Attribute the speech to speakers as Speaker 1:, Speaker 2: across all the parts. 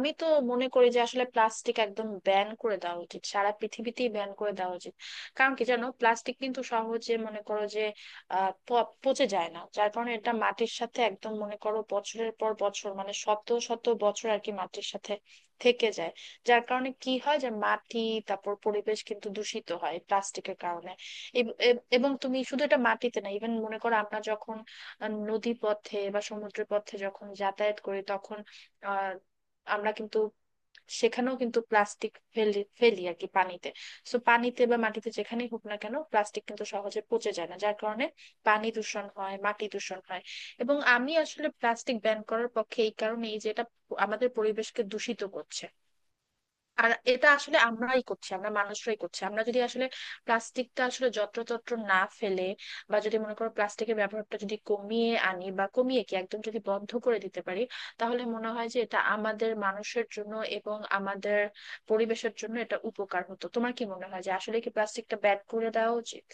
Speaker 1: আমি তো মনে করি যে আসলে প্লাস্টিক একদম ব্যান করে দেওয়া উচিত, সারা পৃথিবীতেই ব্যান করে দেওয়া উচিত। কারণ কি জানো, প্লাস্টিক কিন্তু সহজে মনে করো যে পচে যায় না, যার কারণে এটা মাটির সাথে একদম মনে করো বছরের পর বছর, মানে শত শত বছর আর কি মাটির সাথে থেকে যায়। যার কারণে কি হয় যে মাটি, তারপর পরিবেশ কিন্তু দূষিত হয় প্লাস্টিকের কারণে। এবং তুমি শুধু এটা মাটিতে না, ইভেন মনে করো আমরা যখন নদী পথে বা সমুদ্র পথে যখন যাতায়াত করি তখন আহ আমরা কিন্তু সেখানেও কিন্তু প্লাস্টিক ফেলি ফেলি আর কি পানিতে। সো পানিতে বা মাটিতে যেখানেই হোক না কেন, প্লাস্টিক কিন্তু সহজে পচে যায় না, যার কারণে পানি দূষণ হয়, মাটি দূষণ হয়। এবং আমি আসলে প্লাস্টিক ব্যান করার পক্ষে এই কারণে, এই যে এটা আমাদের পরিবেশকে দূষিত করছে। আর এটা আসলে আমরাই করছি, আমরা মানুষরাই করছি। আমরা যদি আসলে প্লাস্টিকটা আসলে যত্রতত্র না ফেলে বা যদি মনে করো প্লাস্টিকের ব্যবহারটা যদি কমিয়ে আনি বা কমিয়ে কি একদম যদি বন্ধ করে দিতে পারি, তাহলে মনে হয় যে এটা আমাদের মানুষের জন্য এবং আমাদের পরিবেশের জন্য এটা উপকার হতো। তোমার কি মনে হয় যে আসলে কি প্লাস্টিকটা ব্যান করে দেওয়া উচিত?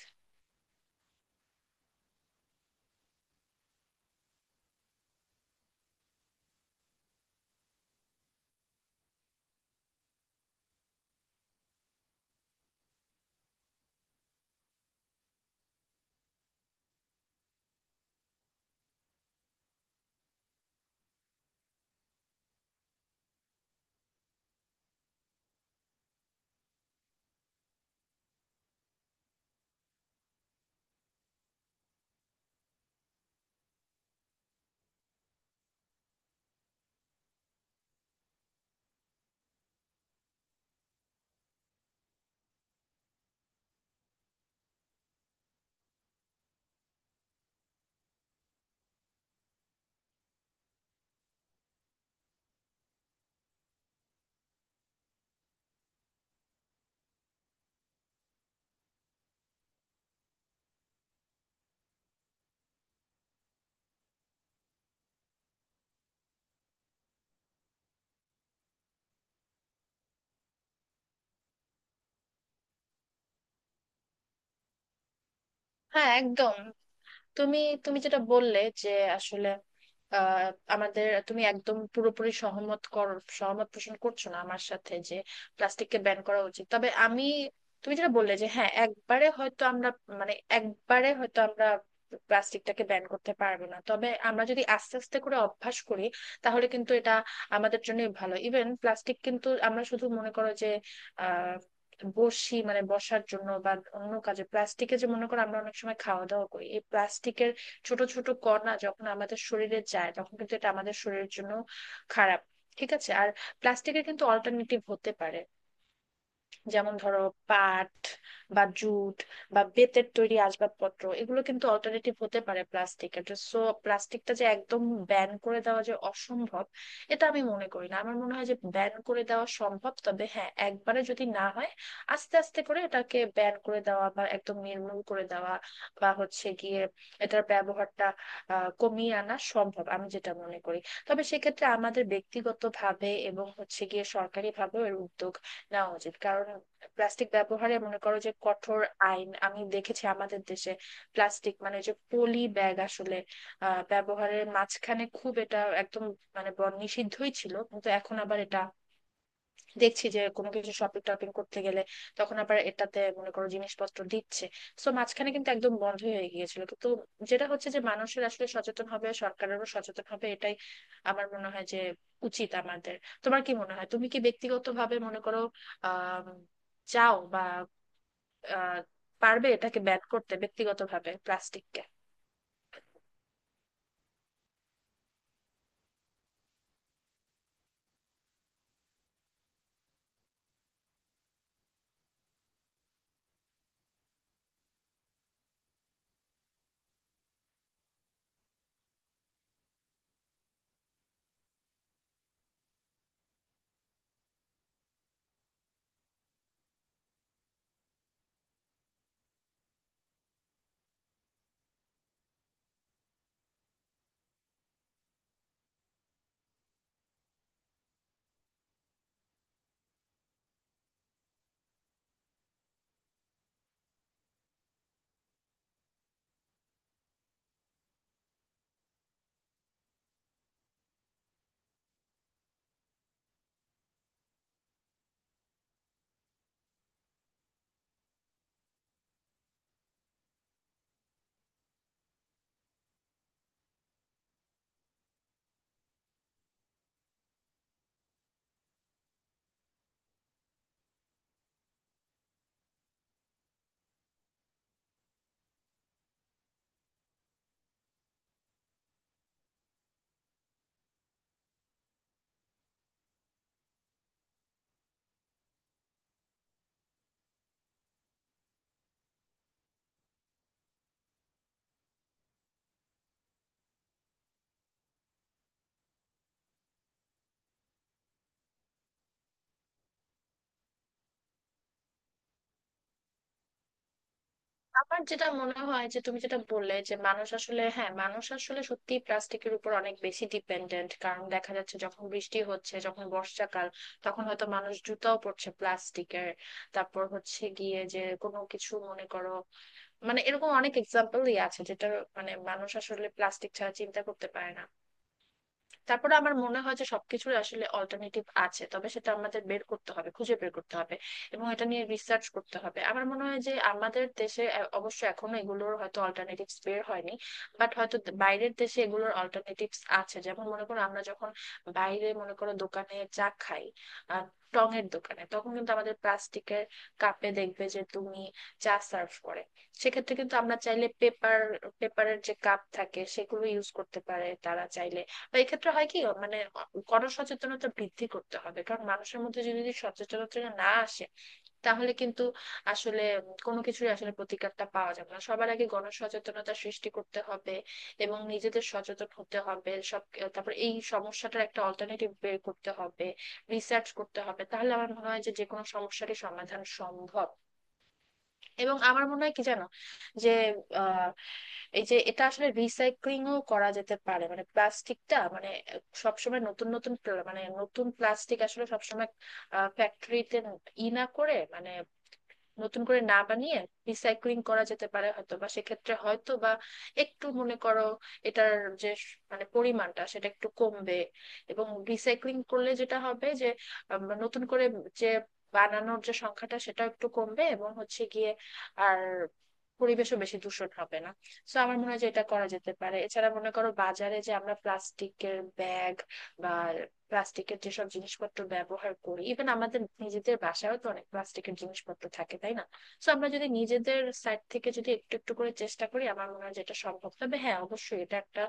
Speaker 1: হ্যাঁ একদম। তুমি তুমি যেটা বললে যে আসলে আহ, আমাদের তুমি একদম পুরোপুরি সহমত কর, সহমত পোষণ করছো না আমার সাথে যে প্লাস্টিককে ব্যান করা উচিত। তবে আমি, তুমি যেটা বললে যে হ্যাঁ একবারে হয়তো আমরা, মানে একবারে হয়তো আমরা প্লাস্টিকটাকে ব্যান করতে পারবো না, তবে আমরা যদি আস্তে আস্তে করে অভ্যাস করি, তাহলে কিন্তু এটা আমাদের জন্যই ভালো। ইভেন প্লাস্টিক কিন্তু আমরা শুধু মনে করো যে বসি, মানে বসার জন্য বা অন্য কাজে প্লাস্টিকে যে মনে করো আমরা অনেক সময় খাওয়া দাওয়া করি, এই প্লাস্টিকের ছোট ছোট কণা যখন আমাদের শরীরে যায় তখন কিন্তু এটা আমাদের শরীরের জন্য খারাপ। ঠিক আছে, আর প্লাস্টিকের কিন্তু অল্টারনেটিভ হতে পারে, যেমন ধরো পাট বা জুট বা বেতের তৈরি আসবাবপত্র, এগুলো কিন্তু অল্টারনেটিভ হতে পারে প্লাস্টিকের। সো প্লাস্টিকটা যে একদম ব্যান করে দেওয়া যে অসম্ভব, এটা আমি মনে করি না। আমার মনে হয় যে ব্যান করে দেওয়া সম্ভব, তবে হ্যাঁ একবারে যদি না হয়, আস্তে আস্তে করে এটাকে ব্যান করে দেওয়া বা একদম নির্মূল করে দেওয়া বা হচ্ছে গিয়ে এটার ব্যবহারটা কমিয়ে আনা সম্ভব, আমি যেটা মনে করি। তবে সেক্ষেত্রে আমাদের ব্যক্তিগতভাবে এবং হচ্ছে গিয়ে সরকারি ভাবেও এর উদ্যোগ নেওয়া উচিত। কারণ প্লাস্টিক ব্যবহারে মনে করো যে কঠোর আইন আমি দেখেছি, আমাদের দেশে প্লাস্টিক মানে যে পলি ব্যাগ আসলে ব্যবহারের মাঝখানে খুব এটা একদম, মানে নিষিদ্ধই ছিল, কিন্তু এখন আবার এটা দেখছি যে কোনো কিছু শপিং টপিং করতে গেলে তখন আবার এটাতে মনে করো জিনিসপত্র দিচ্ছে। তো মাঝখানে কিন্তু একদম বন্ধ হয়ে গিয়েছিল, কিন্তু যেটা হচ্ছে যে মানুষের আসলে সচেতন হবে, সরকারেরও সচেতন হবে, এটাই আমার মনে হয় যে উচিত আমাদের। তোমার কি মনে হয়, তুমি কি ব্যক্তিগতভাবে মনে করো আহ চাও বা আহ পারবে এটাকে ব্যান করতে ব্যক্তিগতভাবে প্লাস্টিককে? আমার যেটা মনে হয় যে তুমি যেটা বললে যে মানুষ আসলে, হ্যাঁ মানুষ আসলে সত্যি প্লাস্টিকের উপর অনেক বেশি ডিপেন্ডেন্ট, কারণ দেখা যাচ্ছে যখন বৃষ্টি হচ্ছে, যখন বর্ষাকাল, তখন হয়তো মানুষ জুতাও পরছে প্লাস্টিকের। তারপর হচ্ছে গিয়ে যে কোনো কিছু মনে করো, মানে এরকম অনেক এক্সাম্পলই আছে যেটা, মানে মানুষ আসলে প্লাস্টিক ছাড়া চিন্তা করতে পারে না। তারপরে আমার মনে হয় যে সবকিছুর আসলে অল্টারনেটিভ আছে, তবে সেটা আমাদের বের করতে হবে, খুঁজে বের করতে হবে এবং এটা নিয়ে রিসার্চ করতে হবে। আমার মনে হয় যে আমাদের দেশে অবশ্য এখনো এগুলোর হয়তো অল্টারনেটিভস বের হয়নি, বাট হয়তো বাইরের দেশে এগুলোর অল্টারনেটিভস আছে। যেমন মনে করো আমরা যখন বাইরে মনে করো দোকানে চা খাই, আহ টং এর দোকানে, তখন কিন্তু আমাদের প্লাস্টিকের কাপে দেখবে যে তুমি চা সার্ভ করে। সেক্ষেত্রে কিন্তু আমরা চাইলে পেপার, পেপারের যে কাপ থাকে সেগুলো ইউজ করতে পারে তারা চাইলে। বা এক্ষেত্রে হয় কি, মানে গণসচেতনতা বৃদ্ধি করতে হবে, কারণ মানুষের মধ্যে যদি সচেতনতা না আসে তাহলে কিন্তু আসলে কোনো কিছুই আসলে প্রতিকারটা পাওয়া যাবে না। সবার আগে গণসচেতনতা সৃষ্টি করতে হবে এবং নিজেদের সচেতন হতে হবে সব। তারপর এই সমস্যাটার একটা অল্টারনেটিভ বের করতে হবে, রিসার্চ করতে হবে, তাহলে আমার মনে হয় যে যে কোনো সমস্যারই সমাধান সম্ভব। এবং আমার মনে হয় কি জানো, যে আহ এই যে এটা আসলে রিসাইক্লিংও করা যেতে পারে, মানে প্লাস্টিকটা, মানে সবসময় নতুন নতুন প্ল- মানে নতুন প্লাস্টিক আসলে সবসময় ফ্যাক্টরিতে ই না করে, মানে নতুন করে না বানিয়ে রিসাইক্লিং করা যেতে পারে, হয়তো বা সেক্ষেত্রে হয়তো বা একটু মনে করো এটার যে মানে পরিমাণটা সেটা একটু কমবে। এবং রিসাইক্লিং করলে যেটা হবে যে নতুন করে যে বানানোর যে সংখ্যাটা সেটা একটু কমবে এবং হচ্ছে গিয়ে আর পরিবেশও বেশি দূষণ হবে না। তো আমার মনে হয় যে এটা করা যেতে পারে। এছাড়া মনে করো বাজারে যে আমরা প্লাস্টিকের ব্যাগ বা প্লাস্টিকের যেসব জিনিসপত্র ব্যবহার করি, ইভেন আমাদের নিজেদের বাসায়ও তো অনেক প্লাস্টিকের জিনিসপত্র থাকে, তাই না? তো আমরা যদি নিজেদের সাইড থেকে যদি একটু একটু করে চেষ্টা করি, আমার মনে হয় যেটা সম্ভব। তবে হ্যাঁ অবশ্যই এটা একটা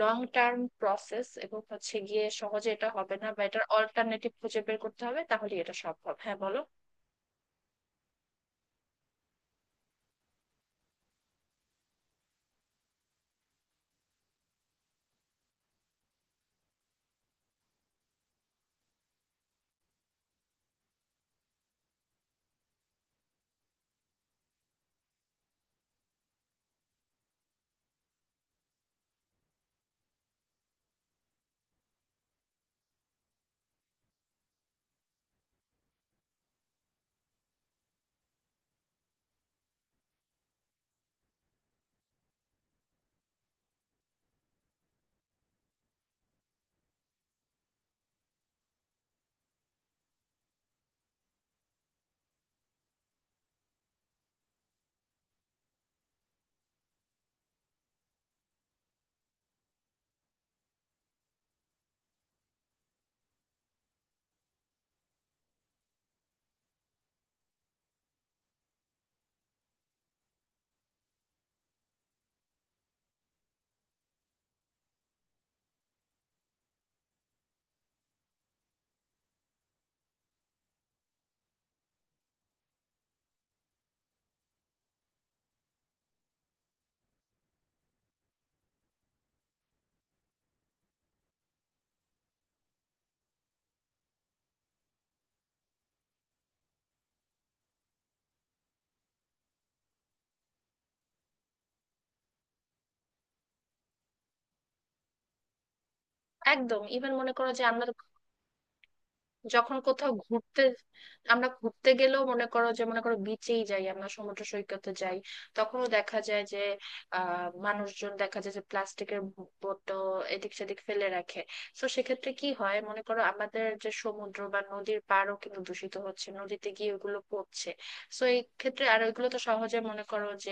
Speaker 1: লং টার্ম প্রসেস এবং হচ্ছে গিয়ে সহজে এটা হবে না, বা এটার অল্টারনেটিভ খুঁজে বের করতে হবে, তাহলে এটা সম্ভব। হ্যাঁ বলো। একদম। ইভেন মনে করো যে আমরা তো যখন কোথাও ঘুরতে, আমরা ঘুরতে গেলেও মনে করো যে, মনে করো বিচেই যাই, আমরা সমুদ্র সৈকতে যাই, তখনও দেখা যায় যে মানুষজন দেখা যায় যে প্লাস্টিকের বোতল এদিক সেদিক ফেলে রাখে। তো সেক্ষেত্রে কি হয় মনে করো, আমাদের যে সমুদ্র বা নদীর পাড়ও কিন্তু দূষিত হচ্ছে, নদীতে গিয়ে ওগুলো পড়ছে। তো এই ক্ষেত্রে আর ওইগুলো তো সহজে মনে করো যে,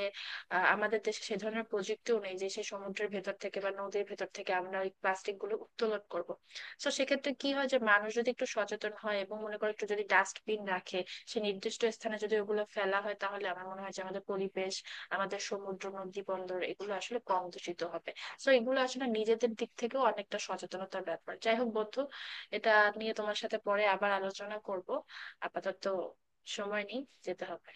Speaker 1: আমাদের দেশে সে ধরনের প্রযুক্তিও নেই যে সেই সমুদ্রের ভেতর থেকে বা নদীর ভেতর থেকে আমরা ওই প্লাস্টিক গুলো উত্তোলন করব। তো সেক্ষেত্রে কি হয় যে মানুষ যদি একটু সচেতন হয় এবং মনে করো একটু যদি ডাস্টবিন রাখে, সে নির্দিষ্ট স্থানে যদি ওগুলো ফেলা হয়, তাহলে আমার মনে হয় যে আমাদের পরিবেশ, আমাদের সমুদ্র, নদী, বন্দর এগুলো আসলে কম দূষিত হবে। তো এগুলো আসলে নিজেদের দিক থেকেও অনেকটা সচেতনতার ব্যাপার। যাই হোক বন্ধু, এটা নিয়ে তোমার সাথে পরে আবার আলোচনা করব। আপাতত সময় নেই, যেতে হবে।